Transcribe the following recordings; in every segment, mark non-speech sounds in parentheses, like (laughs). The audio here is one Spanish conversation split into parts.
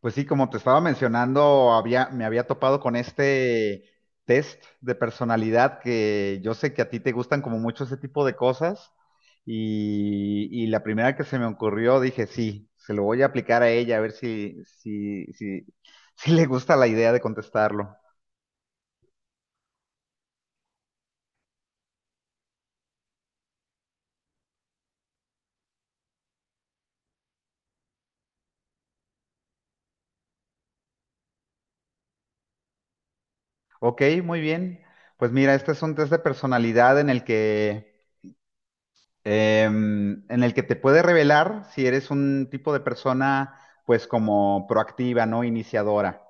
Pues sí, como te estaba mencionando, me había topado con este test de personalidad que yo sé que a ti te gustan como mucho ese tipo de cosas y la primera que se me ocurrió dije, sí, se lo voy a aplicar a ella a ver (laughs) si le gusta la idea de contestarlo. Ok, muy bien. Pues mira, este es un test de personalidad en el que, en el que te puede revelar si eres un tipo de persona pues como proactiva, ¿no? Iniciadora.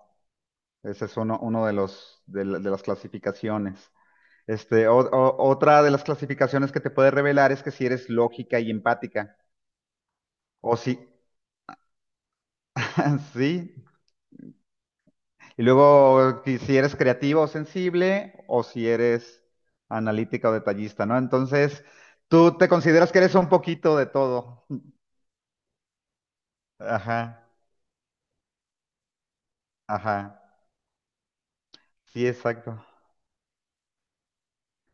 Ese es uno de los, de, la- de las clasificaciones. Este, otra de las clasificaciones que te puede revelar es que si eres lógica y empática, o si, (laughs) sí, y luego que si eres creativa o sensible, o si eres analítica o detallista, ¿no? Entonces, tú te consideras que eres un poquito de todo. Ajá, ajá, sí, exacto.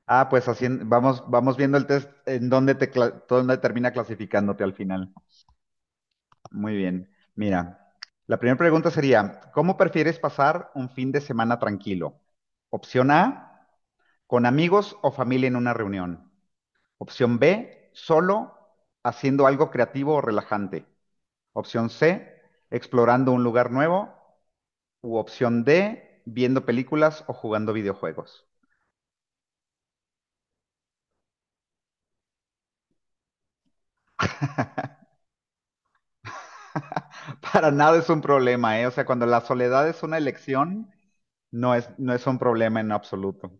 Ah, pues así vamos viendo el test en dónde dónde termina clasificándote al final. Muy bien. Mira, la primera pregunta sería, ¿cómo prefieres pasar un fin de semana tranquilo? Opción A, con amigos o familia en una reunión. Opción B, solo haciendo algo creativo o relajante. Opción C, explorando un lugar nuevo. U opción D, viendo películas o jugando videojuegos. (laughs) Para nada es un problema, ¿eh? O sea, cuando la soledad es una elección, no es un problema en absoluto.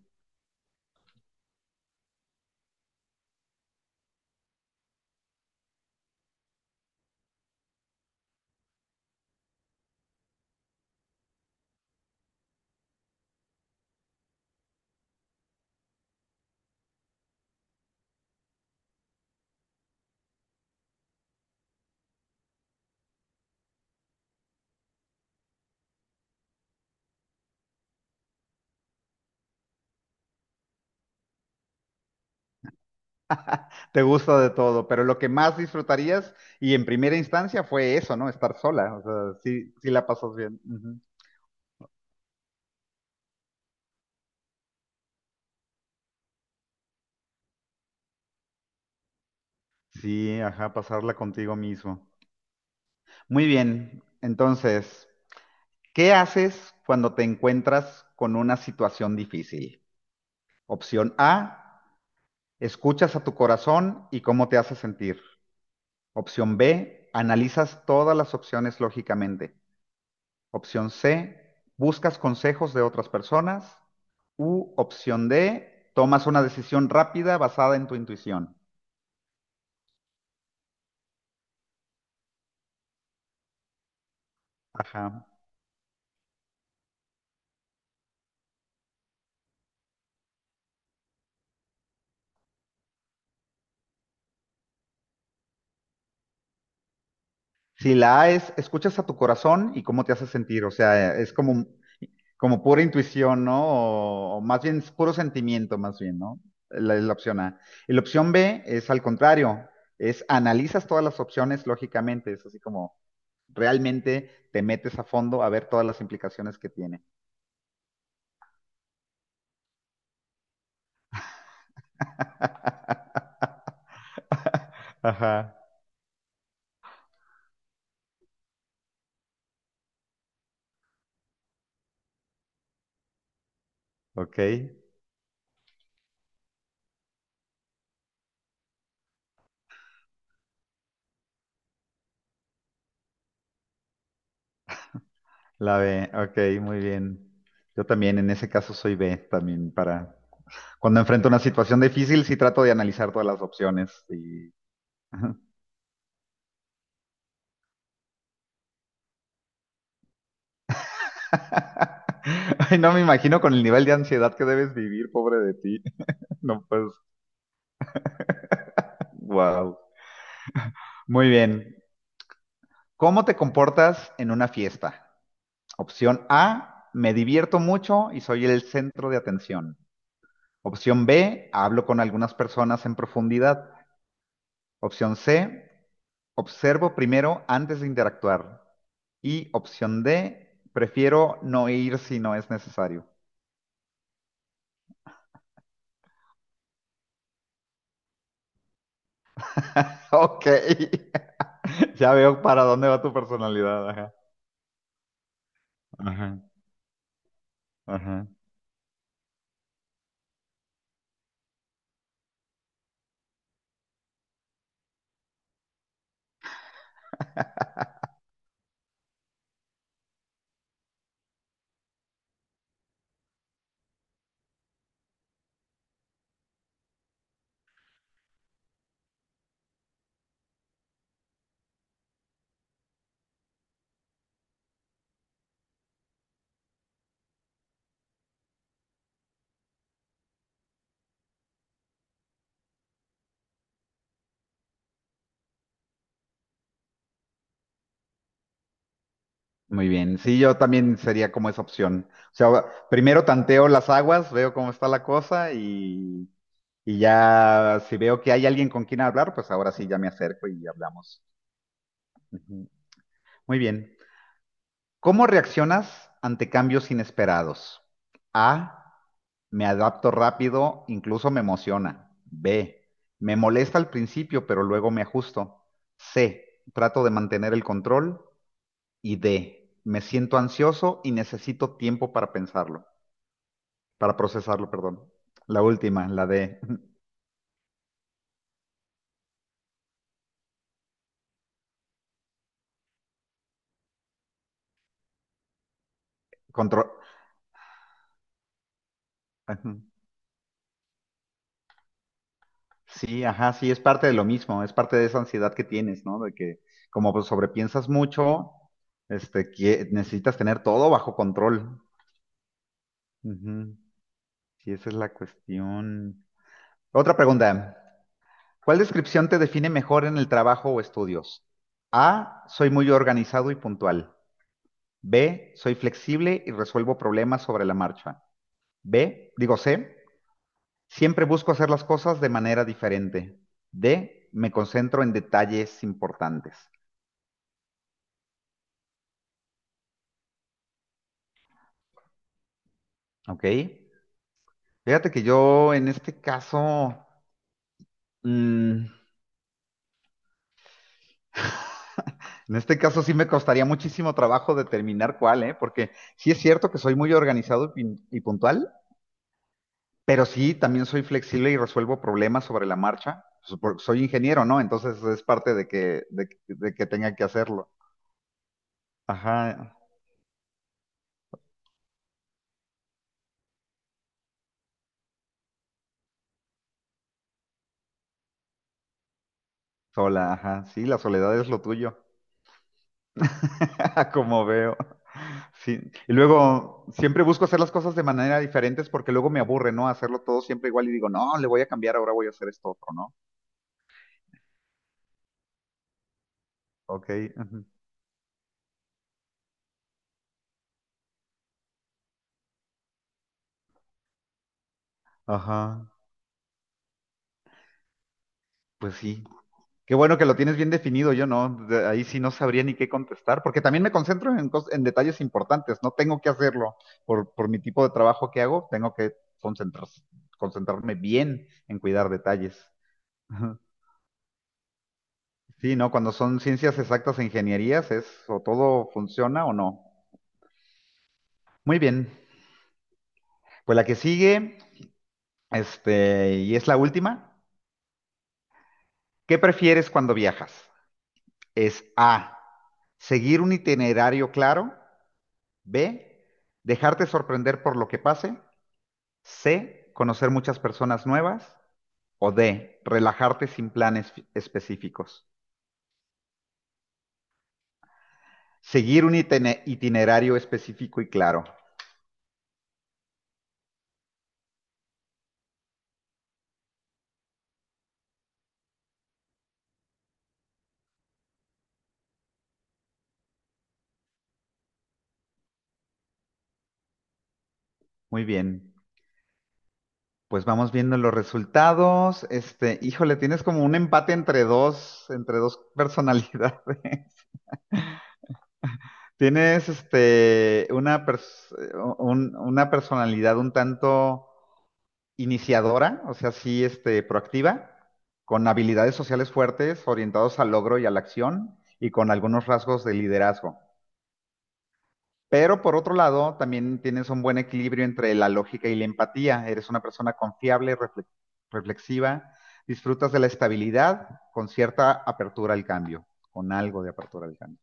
Te gusta de todo, pero lo que más disfrutarías y en primera instancia fue eso, ¿no? Estar sola, o sea, sí, sí la pasas bien. Ujú. Sí, ajá, pasarla contigo mismo. Muy bien, entonces, ¿qué haces cuando te encuentras con una situación difícil? Opción A, escuchas a tu corazón y cómo te hace sentir. Opción B, analizas todas las opciones lógicamente. Opción C, buscas consejos de otras personas. U, opción D, tomas una decisión rápida basada en tu intuición. Ajá. Si la A es, escuchas a tu corazón y cómo te hace sentir. O sea, es como pura intuición, ¿no? O más bien es puro sentimiento, más bien, ¿no? La opción A. Y la opción B es al contrario, es analizas todas las opciones lógicamente, es así como realmente te metes a fondo a ver todas las implicaciones que tiene. (laughs) (laughs) Ajá, ok. La B, ok, muy bien. Yo también en ese caso soy B, también para... Cuando enfrento una situación difícil, sí trato de analizar todas las opciones y... (laughs) Ay, no me imagino con el nivel de ansiedad que debes vivir, pobre de ti. (laughs) No, pues, wow. Muy bien. ¿Cómo te comportas en una fiesta? Opción A, me divierto mucho y soy el centro de atención. Opción B, hablo con algunas personas en profundidad. Opción C, observo primero antes de interactuar. Y opción D, prefiero no ir si no es necesario. (laughs) Ok, (laughs) ya veo para dónde va tu personalidad. Ajá. Ajá, ajá. Muy bien, sí, yo también sería como esa opción. O sea, primero tanteo las aguas, veo cómo está la cosa y, ya si veo que hay alguien con quien hablar, pues ahora sí ya me acerco y hablamos. Ujú. Muy bien. ¿Cómo reaccionas ante cambios inesperados? A. Me adapto rápido, incluso me emociona. B. Me molesta al principio, pero luego me ajusto. C. Trato de mantener el control. Y D. Me siento ansioso y necesito tiempo para pensarlo, para procesarlo, perdón. La última, la de (laughs) control. (laughs) Sí, ajá, sí, es parte de lo mismo, es parte de esa ansiedad que tienes, ¿no? De que como pues, sobrepiensas mucho, este, que necesitas tener todo bajo control. Ujú. Sí, esa es la cuestión. Otra pregunta. ¿Cuál descripción te define mejor en el trabajo o estudios? A, soy muy organizado y puntual. B, soy flexible y resuelvo problemas sobre la marcha. B, digo C, siempre busco hacer las cosas de manera diferente. D, me concentro en detalles importantes. Ok. Fíjate que yo en este caso, mm, en este caso sí me costaría muchísimo trabajo determinar cuál, ¿eh? Porque sí es cierto que soy muy organizado y, y puntual, pero sí también soy flexible y resuelvo problemas sobre la marcha. Pues, Soy ingeniero, ¿no? Entonces es parte de que tenga que hacerlo. Ajá, sola, ajá. Sí, la soledad es lo tuyo, (laughs) como veo. Sí, y luego siempre busco hacer las cosas de manera diferentes porque luego me aburre, ¿no? Hacerlo todo siempre igual y digo, no, le voy a cambiar, ahora voy a hacer esto otro, ¿no? Ok, ujú. Ajá, pues sí. Qué bueno que lo tienes bien definido, yo no, ahí sí no sabría ni qué contestar, porque también me concentro en detalles importantes, no tengo que hacerlo por mi tipo de trabajo que hago, tengo que concentrar- concentrarme bien en cuidar detalles. Ujú. Sí, ¿no? Cuando son ciencias exactas e ingenierías es o todo funciona o no. Muy bien. Pues la que sigue, este, y es la última. ¿Qué prefieres cuando viajas? Es A, seguir un itinerario claro. B, dejarte sorprender por lo que pase. C, conocer muchas personas nuevas. O D, relajarte sin planes específicos. Seguir un itinerario específico y claro. Muy bien. Pues vamos viendo los resultados. Este, híjole, tienes como un empate entre dos personalidades. (laughs) Tienes este una personalidad un tanto iniciadora, o sea, sí, este, proactiva, con habilidades sociales fuertes, orientados al logro y a la acción, y con algunos rasgos de liderazgo. Pero por otro lado, también tienes un buen equilibrio entre la lógica y la empatía. Eres una persona confiable, reflexiva, disfrutas de la estabilidad con cierta apertura al cambio, con algo de apertura al cambio.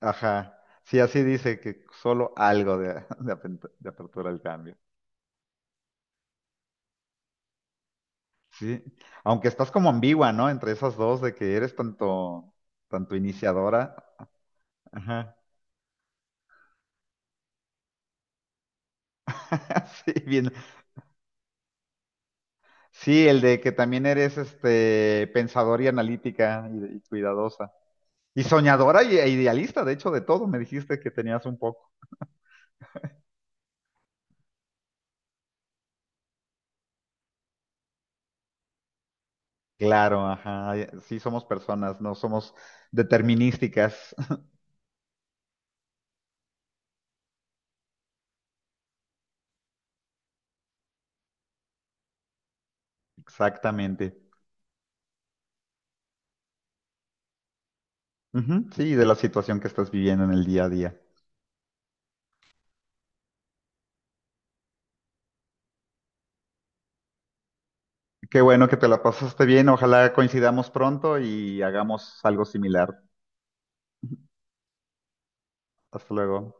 Ajá. Sí, así dice que solo algo de, (laughs) de apertura al cambio. Sí. Aunque estás como ambigua, ¿no? Entre esas dos de que eres tanto iniciadora. Ajá. (laughs) Sí, bien. Sí, el de que también eres este pensadora y, analítica y cuidadosa. Y soñadora e idealista, de hecho, de todo me dijiste que tenías un poco. Claro, ajá. Sí, somos personas, no somos determinísticas. (laughs) Exactamente. Ujú, sí, de la situación que estás viviendo en el día a día. Qué bueno que te la pasaste bien. Ojalá coincidamos pronto y hagamos algo similar. Hasta luego.